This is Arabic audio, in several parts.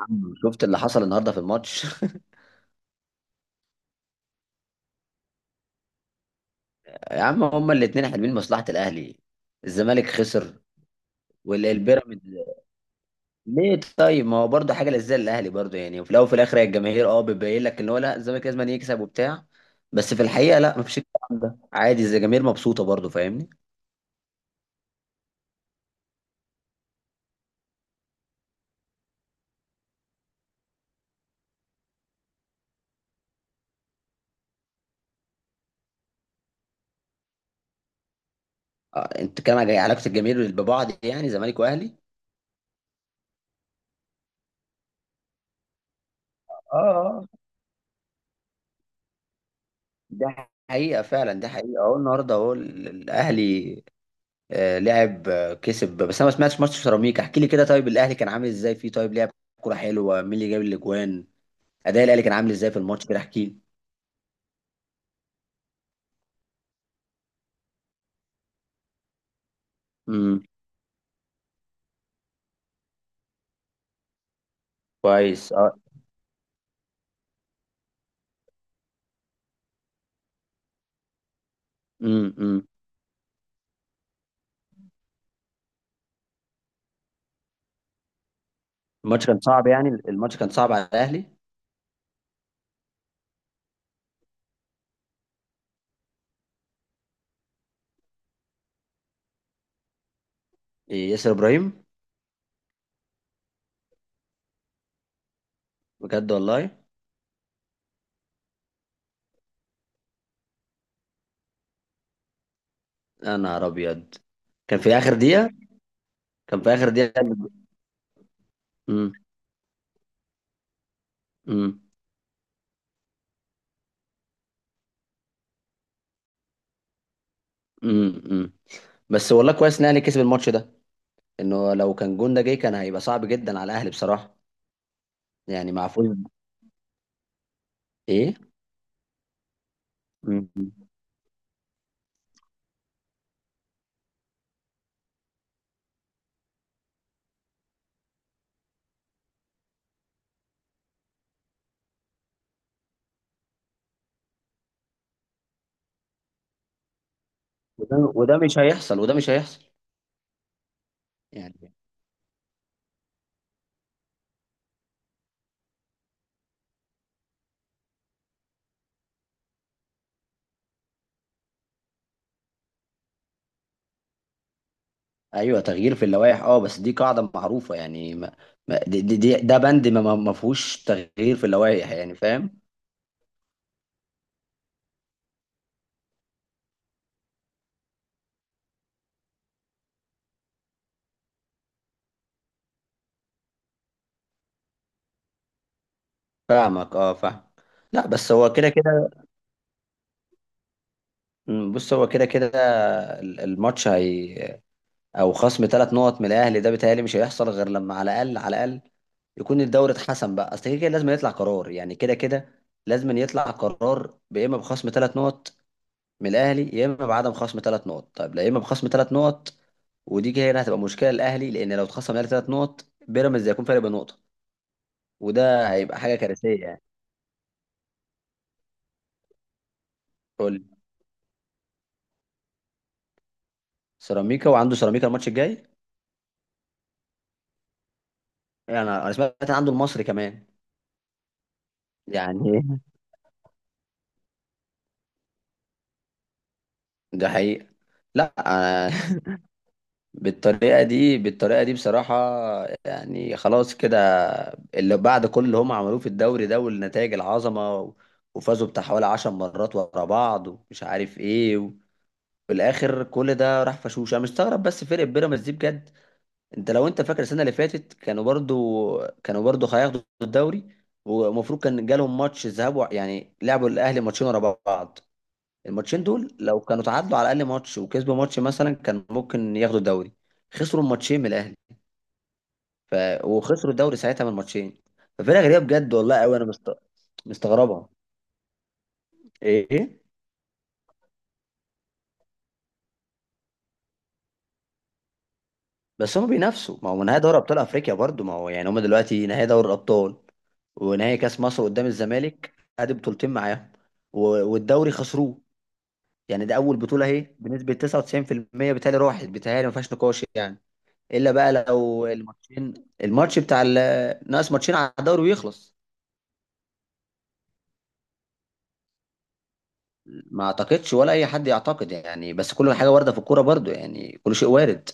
عم، شفت اللي حصل النهارده في الماتش. يا عم هما الاثنين حلمين مصلحة الاهلي. الزمالك خسر والبيراميدز. ليه طيب، ما هو برضه حاجه للزي الاهلي برضه، يعني وفي الاول وفي الاخر هي الجماهير اه بتبين لك ان هو لا الزمالك لازم يكسب وبتاع. بس في الحقيقه لا، مفيش الكلام ده عادي إذا الجماهير مبسوطه برضه، فاهمني؟ انت كان على علاقه الجماهير ببعض، يعني زمالك واهلي؟ اه اه. ده حقيقه فعلا، ده حقيقه، اهو النهارده اهو الاهلي لعب كسب. بس انا ما سمعتش ماتش سيراميكا، احكي لي كده طيب الاهلي كان عامل ازاي فيه؟ طيب لعب كوره حلوه؟ مين اللي جاب الاجوان؟ اداء الاهلي كان عامل ازاي في الماتش كده؟ احكي لي. امم. كويس اه. امم. الماتش كان صعب، يعني الماتش كان صعب على الاهلي. إيه، ياسر ابراهيم. بجد والله؟ يا نهار ابيض. كان في اخر دقيقه؟ كان في اخر دقيقه. امم امم. امم. بس والله كويس ان الاهلي كسب الماتش ده، انه لو كان جون ده جه كان هيبقى صعب جدا على الاهلي بصراحه. يعني مع فوز. ايه. مم. وده وده مش هيحصل، وده مش هيحصل. يعني ايوه، تغيير في اللوائح اه، بس دي قاعده معروفه يعني، ده بند ما فيهوش تغيير في اللوائح، يعني فاهم؟ فاهمك اه، فاهم. لا بس هو كده كده. مم، بص هو كده كده، الماتش هي، او خصم ثلاث نقط من الاهلي ده بيتهيألي مش هيحصل غير لما على الاقل على الاقل يكون الدوري اتحسم بقى. اصل كده كده لازم يطلع قرار، يعني كده كده لازم يطلع قرار، يا اما بخصم ثلاث نقط من الاهلي يا اما بعدم خصم ثلاث نقط. طيب لا، يا اما بخصم ثلاث نقط، ودي كده هنا هتبقى مشكله للاهلي، لان لو اتخصم الاهلي ثلاث نقط بيراميدز هيكون فارق بنقطه، وده هيبقى حاجه كارثيه يعني. قول لي. سيراميكا، وعنده سيراميكا الماتش الجاي. يعني انا سمعت إن عنده المصري كمان. يعني ده حقيقه. لا أنا بالطريقه دي، بالطريقه دي بصراحه يعني خلاص كده. اللي بعد كل اللي هم عملوه في الدوري ده والنتائج العظمه، وفازوا بتاع حوالي 10 مرات ورا بعض ومش عارف ايه، في الاخر كل ده راح فشوش. انا مستغرب بس فرقه بيراميدز دي بجد. انت لو انت فاكر السنه اللي فاتت، كانوا برضو كانوا برضو هياخدوا الدوري، ومفروض كان جالهم ماتش ذهاب يعني لعبوا الاهلي ماتشين ورا بعض. الماتشين دول لو كانوا تعادلوا على الاقل ماتش وكسبوا ماتش مثلا كان ممكن ياخدوا الدوري. خسروا الماتشين من الاهلي، ف... وخسروا الدوري ساعتها من الماتشين. ففرقه غريبه بجد والله، قوي انا مست... مستغربها. ايه. بس هم بينافسوا، ما هو نهائي دوري ابطال افريقيا برضو، ما هو يعني هم دلوقتي نهائي دوري الابطال ونهائي كاس مصر قدام الزمالك. ادي بطولتين معاهم، و- والدوري خسروه. يعني ده اول بطوله اهي بنسبه 99% بتهيألي راحت، بتهيألي ما فيهاش نقاش يعني، الا بقى لو الماتشين، الماتش بتاع ناقص ماتشين على الدوري ويخلص. ما اعتقدش ولا اي حد يعتقد يعني، بس كل حاجه وارده في الكوره برضو، يعني كل شيء وارد،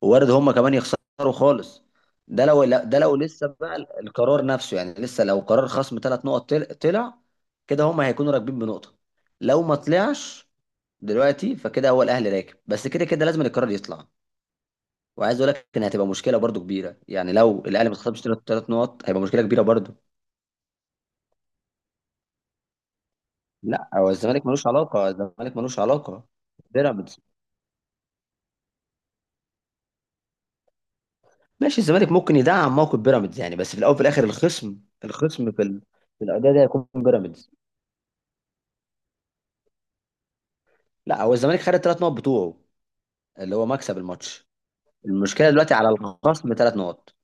وارد هم كمان يخسروا خالص. ده لو لا- ده لو لسه بقى القرار نفسه، يعني لسه لو قرار خصم ثلاث نقط طلع، كده هم هيكونوا راكبين بنقطه. لو ما طلعش دلوقتي، فكده هو الاهلي راكب، بس كده كده لازم القرار يطلع. وعايز اقول لك ان هتبقى مشكله برضو كبيره، يعني لو الاهلي ما خصمش ثلاث نقط هيبقى مشكله كبيره برضو. لا، هو الزمالك ملوش علاقه، الزمالك ملوش علاقه. بيراميدز. ماشي، الزمالك ممكن يدعم موقف بيراميدز يعني، بس في الاول وفي الاخر الخصم، الخصم في ال... في الاداء ده هيكون بيراميدز. لا هو الزمالك خد الثلاث نقط بتوعه، اللي هو مكسب الماتش. المشكله دلوقتي على الخصم ثلاث نقط،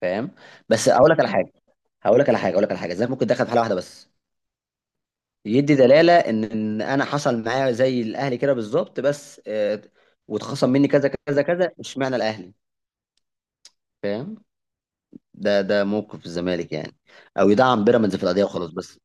فاهم؟ بس اقول لك على حاجه، هقول لك على حاجه، اقول لك على حاجه، الزمالك ممكن يدخل في حاله واحده بس، يدي دلاله ان إن انا حصل معايا زي الاهلي كده بالظبط، بس واتخصم مني كذا كذا كذا، اشمعنى الاهلي؟ فاهم؟ ده ده موقف الزمالك يعني، او يدعم بيراميدز في القضيه وخلاص بس.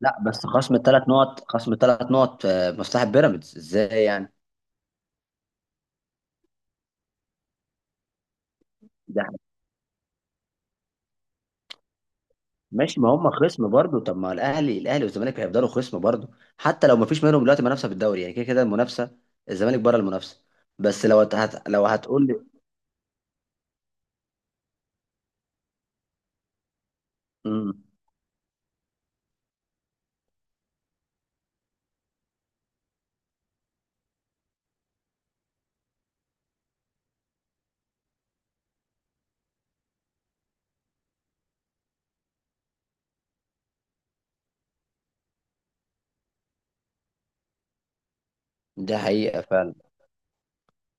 لا، بس خصم ثلاث نقط، خصم ثلاث نقط مصلحة بيراميدز ازاي يعني؟ ده ماشي، ما هم خصم برضه. طب ما الاهلي، الاهلي والزمالك هيفضلوا خصم برضه حتى لو ما فيش منهم دلوقتي منافسة في الدوري، يعني كده كده المنافسة، الزمالك بره المنافسة. بس لو لو هتقول لي. امم. ده حقيقة فعلا،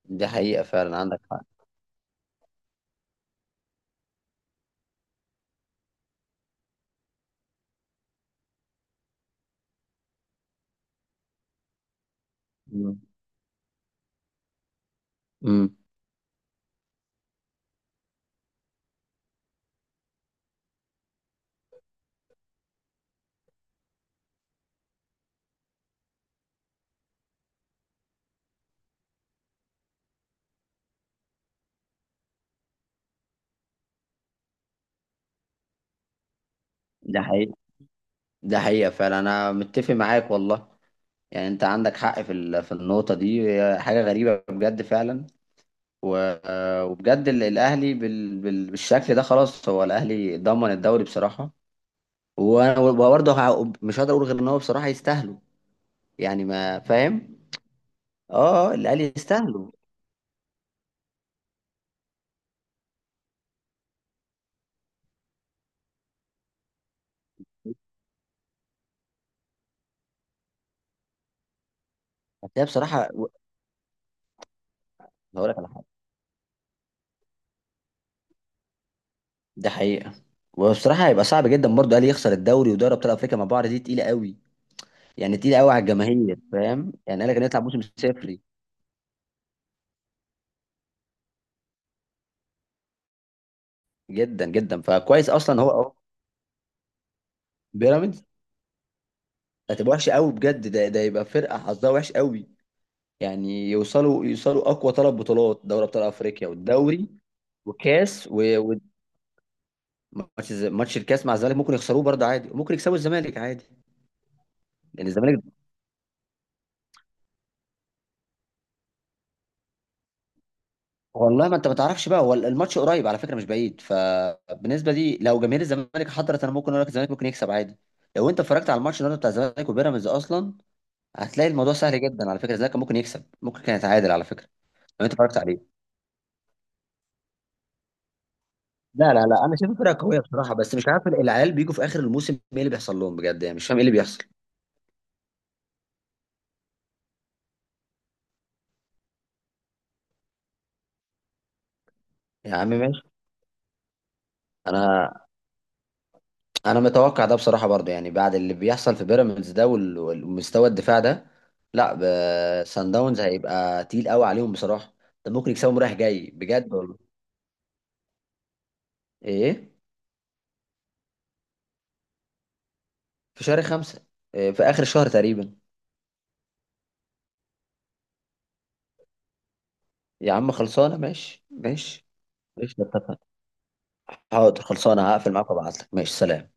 ده حقيقة فعلا عندك حق. امم امم. ده حقيقة، ده حقيقة فعلا، انا متفق معاك والله. يعني انت عندك حق في ال... في النقطة دي، هي حاجة غريبة بجد فعلا. وبجد الاهلي بال... بال... بالشكل ده خلاص، هو الاهلي ضمن الدوري بصراحه. وبرضه مش هقدر اقول غير ان هو بصراحه يستاهلوا، يعني ما فاهم. اه. الاهلي يستاهلوا. بس هي بصراحه هقول لك على حاجه، دي حقيقه. وبصراحه هيبقى صعب جدا برضه الاهلي يخسر الدوري ودوري ابطال افريقيا مع بعض، دي تقيله قوي، يعني تقيله قوي على الجماهير، فاهم يعني؟ قال لك هنطلع موسم صفري؟ جدا جدا، فكويس اصلا هو اه. بيراميدز هتبقى وحشه قوي بجد، ده ده يبقى فرقه حظها وحش قوي. يعني يوصلوا يوصلوا اقوى ثلاث بطولات، دوري ابطال افريقيا والدوري وكاس، وماتش ماتش الكاس مع الزمالك ممكن يخسروه برضه عادي، وممكن يكسبوا الزمالك عادي. لان الزمالك، والله ما انت ما تعرفش بقى، هو الماتش قريب على فكره مش بعيد، فبالنسبه دي لو جماهير الزمالك حضرت انا ممكن اقول لك الزمالك ممكن يكسب عادي. لو انت اتفرجت على الماتش النهارده بتاع الزمالك وبيراميدز اصلا، هتلاقي الموضوع سهل جدا على فكره. الزمالك كان ممكن يكسب، ممكن كان يتعادل على فكره، لو انت اتفرجت عليه. لا لا لا، انا شايف فرقه قويه بصراحه، بس مش عارف العيال بيجوا في اخر الموسم ايه اللي بيحصل لهم بجد، يعني مش فاهم ايه اللي بيحصل. يا عم ماشي. انا انا متوقع ده بصراحه برضه، يعني بعد اللي بيحصل في بيراميدز ده والمستوى الدفاع ده، لا سان داونز هيبقى تقيل قوي عليهم بصراحه. ده ممكن يكسبهم رايح جاي بجد والله. ايه. في شهر خمسة؟ إيه، في اخر الشهر تقريبا. يا عم خلصانه، ماشي ماشي. ماشي. حاضر، خلصانه، هقفل معاك وابعت لك، ماشي، سلام.